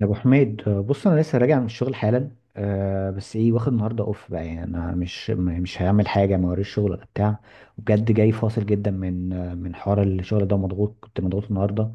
يا ابو حميد، بص انا لسه راجع من الشغل حالا. أه بس ايه واخد النهارده اوف بقى. يعني انا مش مش هعمل حاجه، ما وريش شغل ولا بتاع. وبجد جاي فاصل جدا من من حوار الشغل ده. مضغوط، كنت مضغوط النهارده.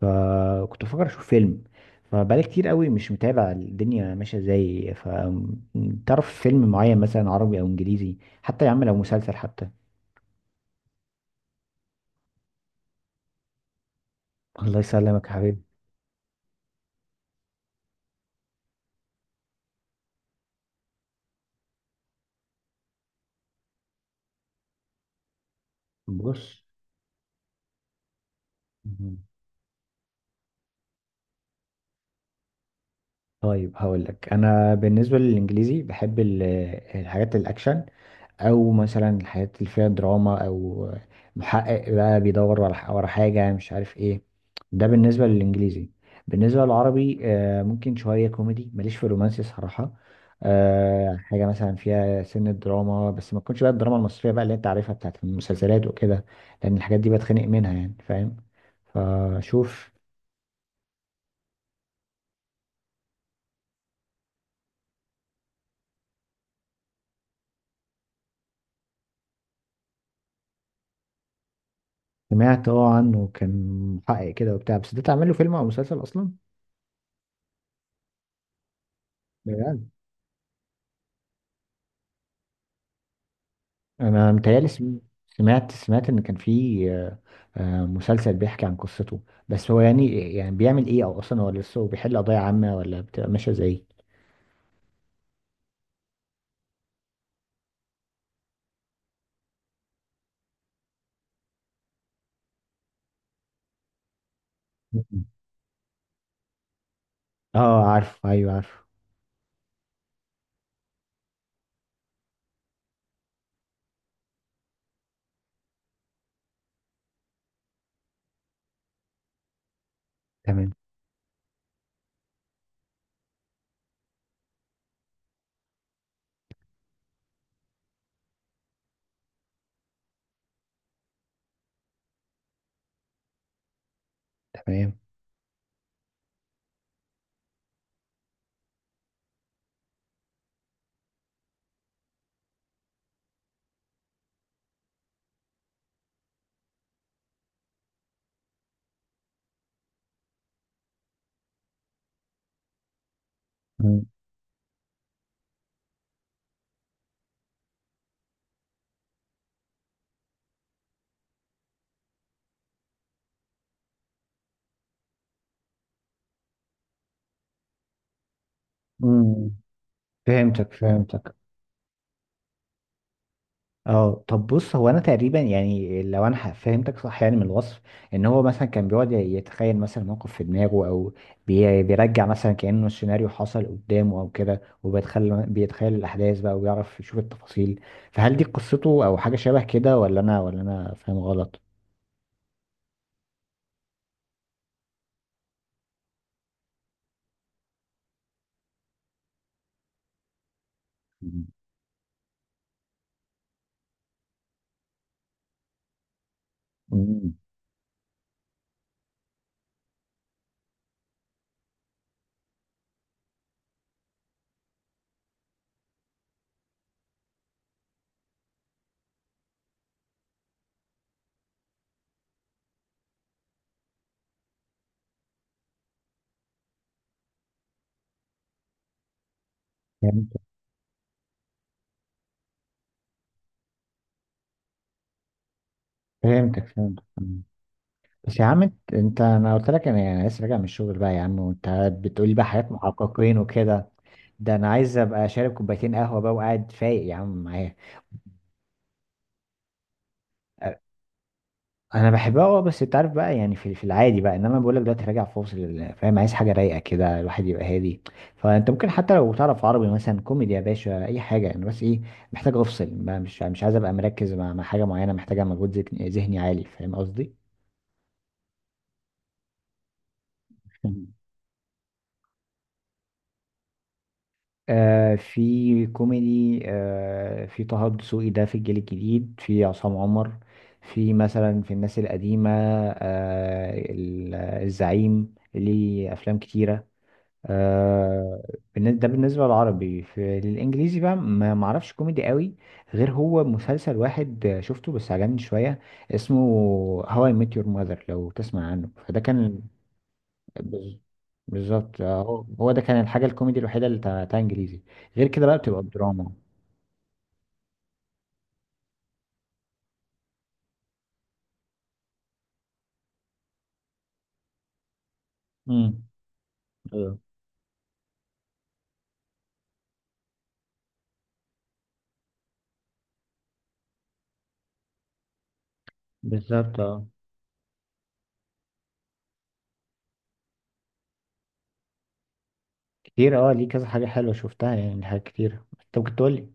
فكنت بفكر اشوف فيلم. فبقالي كتير قوي مش متابع الدنيا ماشيه ازاي. فتعرف فيلم معين مثلا عربي او انجليزي؟ حتى يا عم لو مسلسل حتى. الله يسلمك يا حبيبي. بص. مم. طيب هقول لك. انا بالنسبه للانجليزي بحب الحاجات الاكشن، او مثلا الحاجات اللي فيها دراما، او محقق بقى بيدور ورا حاجه مش عارف ايه. ده بالنسبه للانجليزي. بالنسبه للعربي ممكن شويه كوميدي، ماليش في الرومانسي صراحه. حاجه مثلا فيها سنه دراما، بس ما تكونش بقى الدراما المصريه بقى اللي انت عارفها بتاعت المسلسلات وكده، لان الحاجات دي بتخنق منها، يعني فاهم. فشوف. سمعت اه عنه. كان محقق كده وبتاع. بس ده تعمل له فيلم او مسلسل اصلا؟ بجد؟ انا متهيألي سمعت، سمعت ان كان في آه، مسلسل بيحكي عن قصته. بس هو يعني بيعمل ايه، او اصلا هو لسه بيحل قضايا عامة ولا بتبقى ماشية ازاي؟ مم. اه عارف، ايوه عارف. تمام. تمام. مم. مم. فهمتك، فهمتك. اه طب بص، هو انا تقريبا يعني لو انا فهمتك صح يعني من الوصف، ان هو مثلا كان بيقعد يتخيل مثلا موقف في دماغه، او بيرجع مثلا كانه السيناريو حصل قدامه او كده، وبيتخيل الاحداث بقى وبيعرف يشوف التفاصيل. فهل دي قصته او حاجه شبه كده، ولا انا فاهم غلط؟ مم. مم. فهمتك، فهمتك. بس يا عم، انا قلت لك انا يعني لسه راجع من الشغل بقى يا عم، وانت بتقولي بقى حاجات محققين وكده. ده انا عايز ابقى شارب كوبايتين قهوه بقى وقاعد فايق يا عم معايا. أ- انا بحبها اه، بس انت عارف بقى، يعني في العادي بقى. انما بقول لك دلوقتي راجع فاصل فاهم، عايز حاجه رايقه كده، الواحد يبقى هادي. فانت ممكن حتى لو تعرف عربي مثلا كوميدي يا باشا، اي حاجه. انا بس ايه، محتاج افصل بقى، مش عايز ابقى مركز مع حاجه معينه محتاجه مجهود ذهني عالي، فاهم قصدي. في كوميدي، في طه دسوقي ده في الجيل الجديد، في عصام عمر، في مثلا في الناس القديمة الزعيم ليه أفلام كتيرة. آه. ده بالنسبة للعربي. في الإنجليزي بقى ما معرفش كوميدي قوي، غير هو مسلسل واحد شفته بس عجبني شوية. اسمه How I Met Your Mother لو تسمع عنه. فده كان بز- بالظبط هو ده كان الحاجة الكوميدي الوحيدة اللي بتاعتها انجليزي. غير كده بقى بتبقى الدراما. امم. ايوه. بالظبط اه. كتير، اه. ليه كذا حاجة حلوة شفتها، يعني حاجات كتير انت ممكن تقول لي.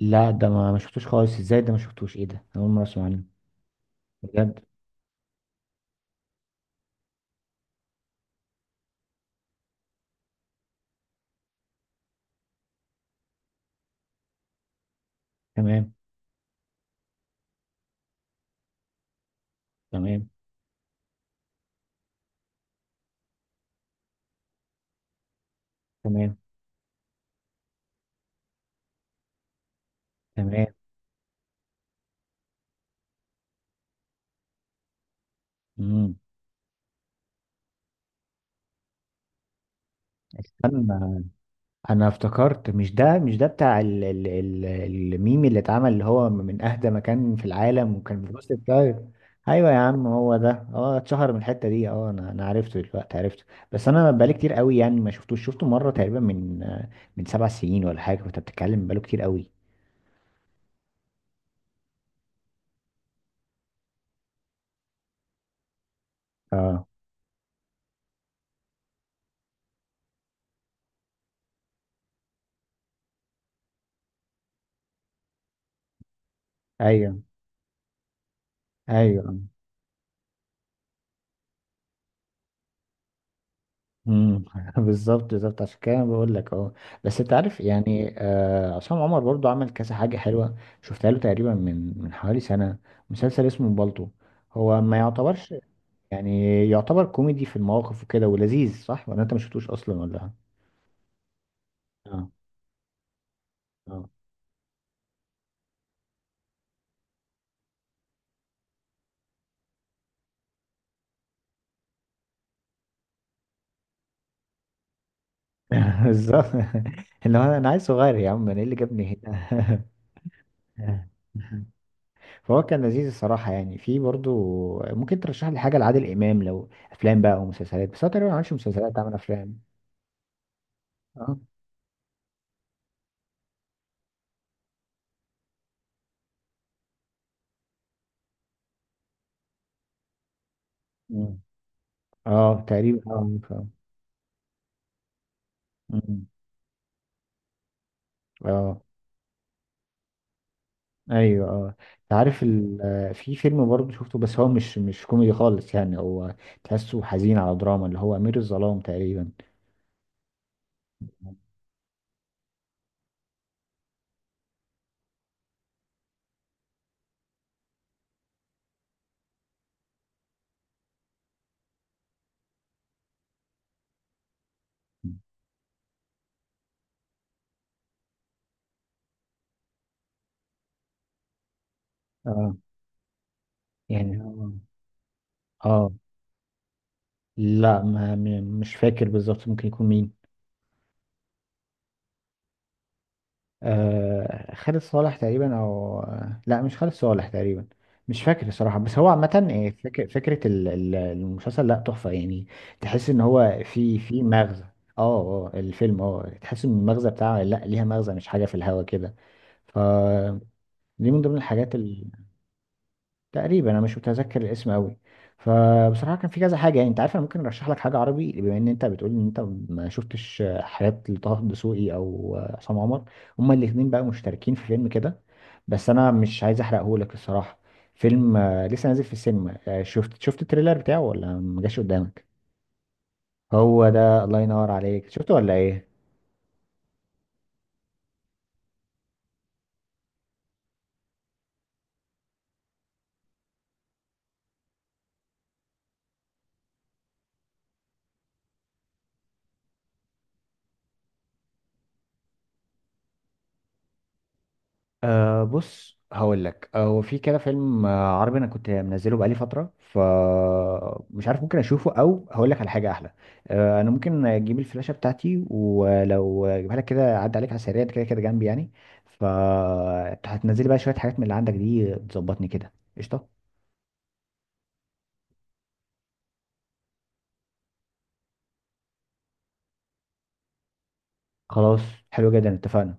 لا ده ما شفتوش خالص. ازاي ده ما شفتوش؟ ايه ده، أنا اول مرة اسمع عنه. بجد. تمام. تمام. تمام. تمام. امم. استنى، انا افتكرت مش ده. مش ده بتاع ال ال ال الميم اللي اتعمل، اللي هو من اهدى مكان في العالم وكان في وسط الطيب؟ ايوه يا عم، هو ده. اه، اتشهر من الحته دي اه. انا عرفته دلوقتي، عرفته. بس انا بقالي كتير قوي يعني ما شفتوش، شفته مره تقريبا من 7 سنين ولا حاجه، فانت بتتكلم بقاله كتير قوي. اه. ايوه. ايوه. امم. بالظبط، بالظبط، عشان كده أنا بقول لك اهو. بس انت عارف، يعني آه، عصام عمر برضو عمل كذا حاجه حلوه. شفتها له تقريبا من حوالي سنه، مسلسل اسمه بالطو. هو ما يعتبرش يعني، يعتبر كوميدي في المواقف وكده، ولذيذ، صح؟ ولا انت ما شفتوش اصلا ولا؟ اه، اه. بالظبط. اللي هو انا عايز صغير يا عم، انا ايه اللي جابني هنا. فهو كان لذيذ الصراحه. يعني في برضو، ممكن ترشح لي حاجه لعادل امام؟ لو افلام بقى او مسلسلات، بس هو تقريبا ما عملش مسلسلات، عمل افلام. اه. مم. اه تقريبا، اه عارفه. مم. اه. ايوه اه. انت عارف ال... في فيلم برضه شفته، بس هو مش كوميدي خالص يعني، هو تحسه حزين، على دراما، اللي هو امير الظلام تقريبا. مم. اه. يعني اه. آه. لا ما م- مش فاكر بالظبط، ممكن يكون مين؟ آه خالد صالح تقريبا، او لا مش خالد صالح تقريبا. مش فاكر الصراحة. بس هو عامة إيه، فكرة المسلسل لا، تحفة يعني. تحس ان هو في مغزى. اه. اه الفيلم اه، تحس ان المغزى بتاعه لا، ليها مغزى، مش حاجة في الهوا كده. فدي من ضمن الحاجات. تقريبا انا مش متذكر الاسم قوي. فبصراحه كان في كذا حاجه يعني. انت عارف انا ممكن ارشح لك حاجه عربي، بما ان انت بتقول ان انت ما شفتش حاجات لطه دسوقي او عصام عمر. هما الاثنين بقى مشتركين في فيلم كده، بس انا مش عايز احرقه لك الصراحه. فيلم لسه نازل في السينما. شفت التريلر بتاعه ولا ما جاش قدامك؟ هو ده، الله ينور عليك، شفته ولا ايه؟ أه بص هقول لك، هو في كده فيلم عربي انا كنت منزله بقالي فتره، فمش عارف ممكن اشوفه، او هقول لك على حاجه احلى. أه، انا ممكن اجيب الفلاشه بتاعتي ولو اجيبها لك كده، عدى عليك على السريع، أنت كده كده جنبي يعني. فهتنزلي بقى شويه حاجات من اللي عندك دي، تظبطني كده، قشطه. خلاص، حلو جدا، اتفقنا.